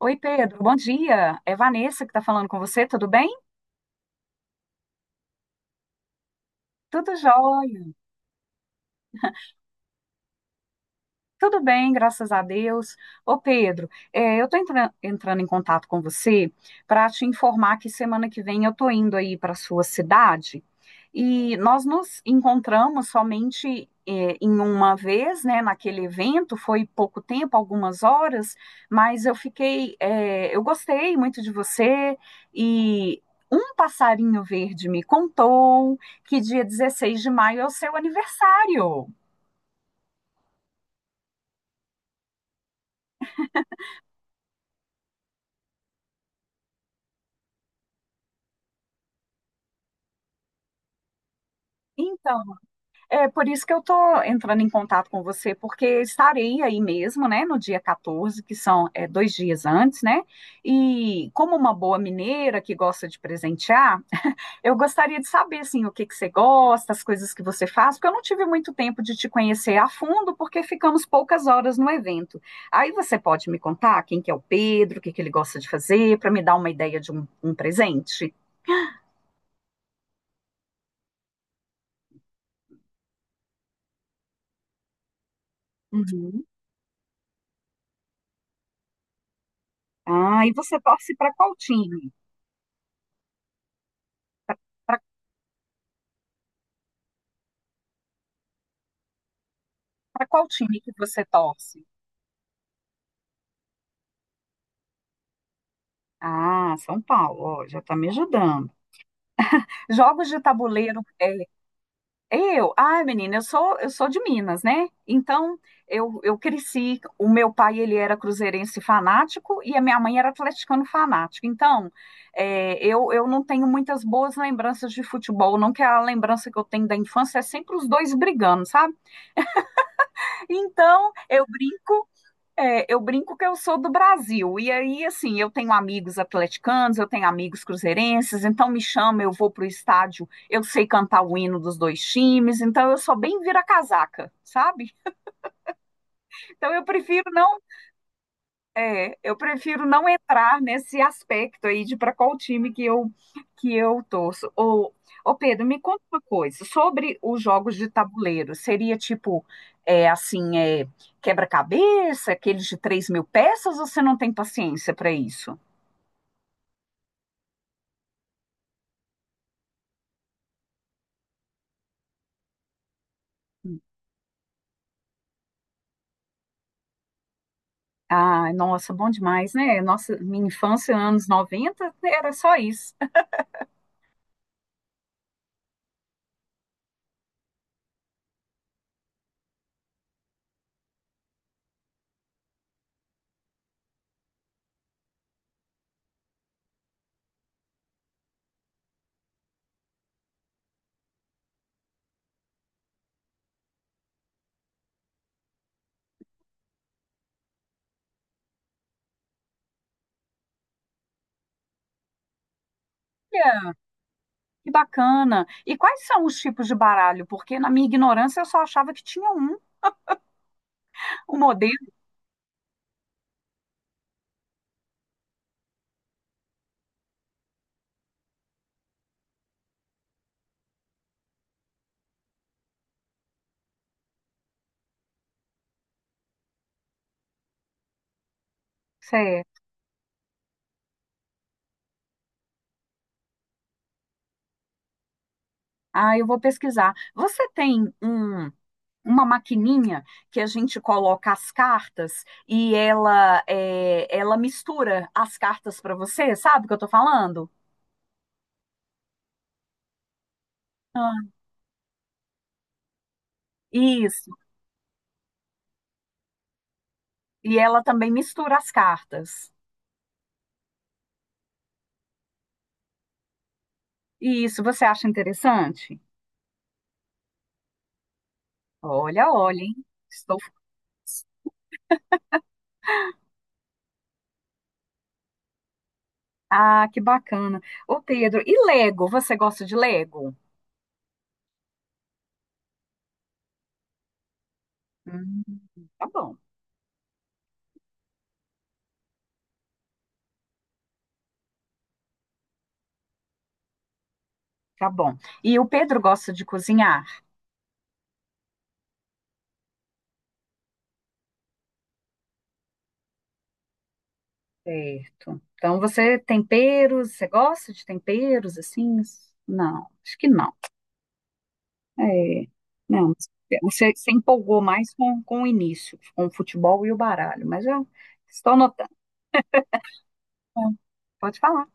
Oi, Pedro, bom dia. É Vanessa que está falando com você, tudo bem? Tudo jóia. Tudo bem, graças a Deus. Ô Pedro, eu estou entrando em contato com você para te informar que semana que vem eu estou indo aí para sua cidade e nós nos encontramos somente em uma vez, né? Naquele evento foi pouco tempo, algumas horas, mas eu fiquei, eu gostei muito de você e um passarinho verde me contou que dia 16 de maio é o seu aniversário. Então, é por isso que eu estou entrando em contato com você, porque estarei aí mesmo, né, no dia 14, que são dois dias antes, né? E como uma boa mineira que gosta de presentear, eu gostaria de saber, assim, o que que você gosta, as coisas que você faz, porque eu não tive muito tempo de te conhecer a fundo, porque ficamos poucas horas no evento. Aí você pode me contar quem que é o Pedro, o que que ele gosta de fazer, para me dar uma ideia de um presente? Uhum. Ah, e você torce para qual time? Para qual time que você torce? Ah, São Paulo, ó, já tá me ajudando. Jogos de tabuleiro, é, ai, menina, eu sou de Minas, né? Então, eu cresci, o meu pai, ele era cruzeirense fanático e a minha mãe era atleticano fanático. Então, eu não tenho muitas boas lembranças de futebol, não que a lembrança que eu tenho da infância é sempre os dois brigando, sabe? Então, eu brinco. É, eu brinco que eu sou do Brasil, e aí, assim, eu tenho amigos atleticanos, eu tenho amigos cruzeirenses, então me chama, eu vou pro estádio, eu sei cantar o hino dos dois times, então eu sou bem vira-casaca, sabe? Então eu prefiro não, eu prefiro não entrar nesse aspecto aí de para qual time que eu torço. Ô Pedro, me conta uma coisa sobre os jogos de tabuleiro. Seria tipo é, assim é, quebra-cabeça, aqueles de 3 mil peças? Ou você não tem paciência para isso? Ah, nossa, bom demais, né? Nossa, minha infância, anos 90 era só isso. Olha, que bacana. E quais são os tipos de baralho? Porque na minha ignorância eu só achava que tinha o modelo. Ah, eu vou pesquisar. Você tem um, uma maquininha que a gente coloca as cartas e ela, ela mistura as cartas para você, sabe o que eu tô falando? Ah, isso. E ela também mistura as cartas. Isso, você acha interessante? Olha, olha, hein? Estou... Ah, que bacana. Ô, Pedro, e Lego? Você gosta de Lego? Hum, tá bom, tá bom. E o Pedro gosta de cozinhar? Certo. Então você é temperos, você gosta de temperos assim? Não, acho que não. É, não, você se empolgou mais com o início, com o futebol e o baralho, mas já estou notando. Pode falar.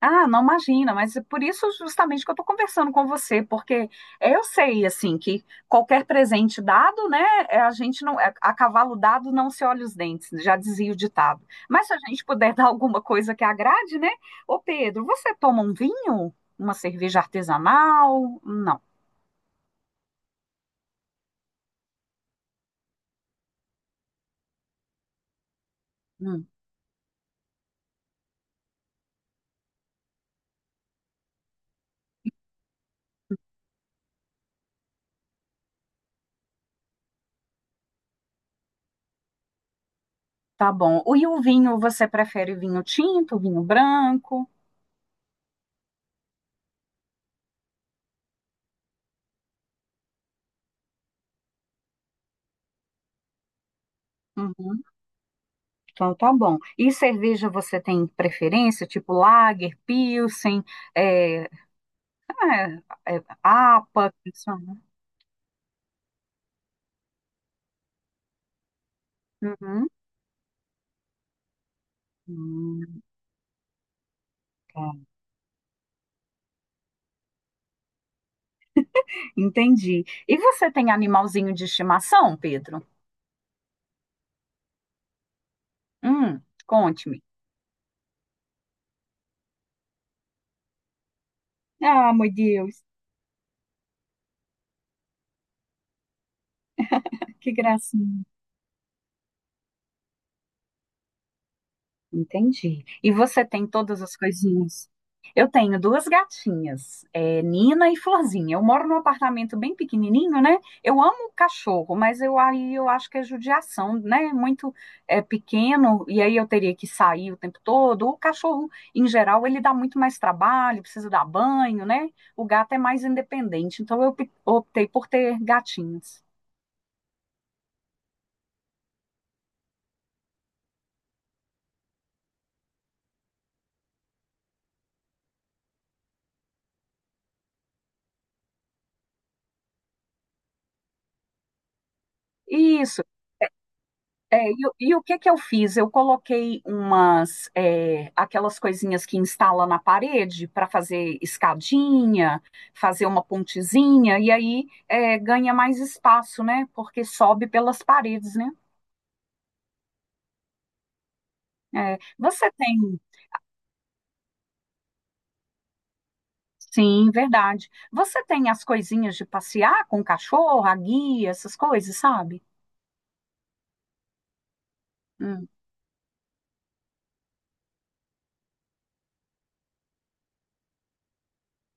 Ah, não imagina, mas é por isso justamente que eu estou conversando com você, porque eu sei assim que qualquer presente dado, né, a gente não é, a cavalo dado não se olha os dentes, já dizia o ditado. Mas se a gente puder dar alguma coisa que agrade, né? Ô Pedro, você toma um vinho? Uma cerveja artesanal? Não. Hum, tá bom. E o vinho, você prefere vinho tinto, vinho branco? Uhum, então tá bom. E cerveja você tem preferência, tipo lager, pilsen? é, É, é apa, funciona. Uhum. Hum, tá. Entendi. E você tem animalzinho de estimação, Pedro? Hum, conte-me. Ah, meu Deus, que gracinha. Entendi. E você tem todas as coisinhas? Eu tenho duas gatinhas, é, Nina e Florzinha. Eu moro num apartamento bem pequenininho, né? Eu amo cachorro, mas eu aí eu acho que é judiação, né? Muito pequeno e aí eu teria que sair o tempo todo. O cachorro, em geral, ele dá muito mais trabalho, precisa dar banho, né? O gato é mais independente, então eu optei por ter gatinhos. Isso, é, e o que que eu fiz? Eu coloquei umas, aquelas coisinhas que instala na parede para fazer escadinha, fazer uma pontezinha, e aí ganha mais espaço, né? Porque sobe pelas paredes, né? É, você tem, sim, verdade. Você tem as coisinhas de passear com o cachorro, a guia, essas coisas, sabe? Hum.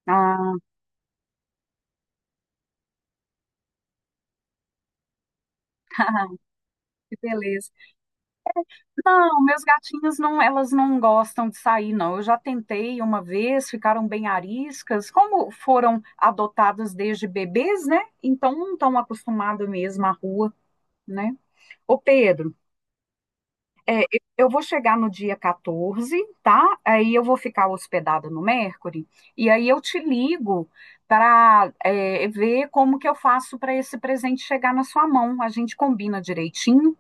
Ah, que beleza. Não, meus gatinhos não, elas não gostam de sair, não. Eu já tentei uma vez, ficaram bem ariscas. Como foram adotados desde bebês, né? Então não estão acostumados mesmo à rua, né? Ô Pedro, eu vou chegar no dia 14, tá? Aí eu vou ficar hospedada no Mercury e aí eu te ligo para ver como que eu faço para esse presente chegar na sua mão. A gente combina direitinho.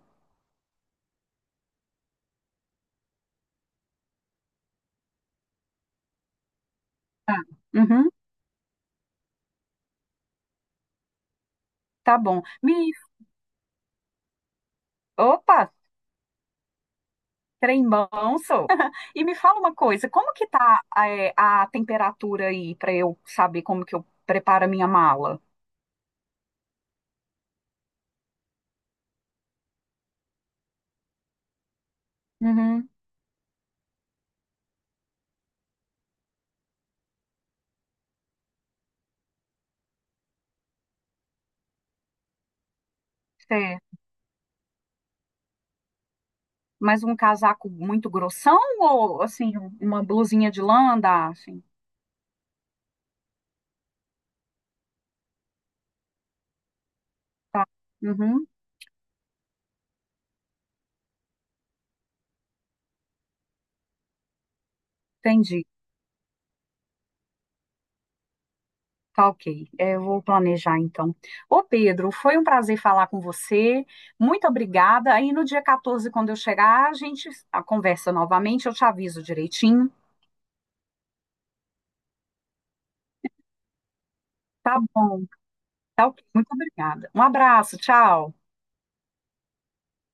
Tá. Uhum, tá bom. Me... Opa! Trembão sou. E me fala uma coisa, como que tá a temperatura aí para eu saber como que eu preparo a minha mala? Uhum. Você, mais um casaco muito grossão ou assim uma blusinha de lã dá, assim? Tá. Uhum, entendi. Tá ok. É, eu vou planejar então. Ô Pedro, foi um prazer falar com você. Muito obrigada. Aí no dia 14, quando eu chegar, a gente a conversa novamente. Eu te aviso direitinho. Tá bom. Tá ok, muito obrigada. Um abraço, tchau.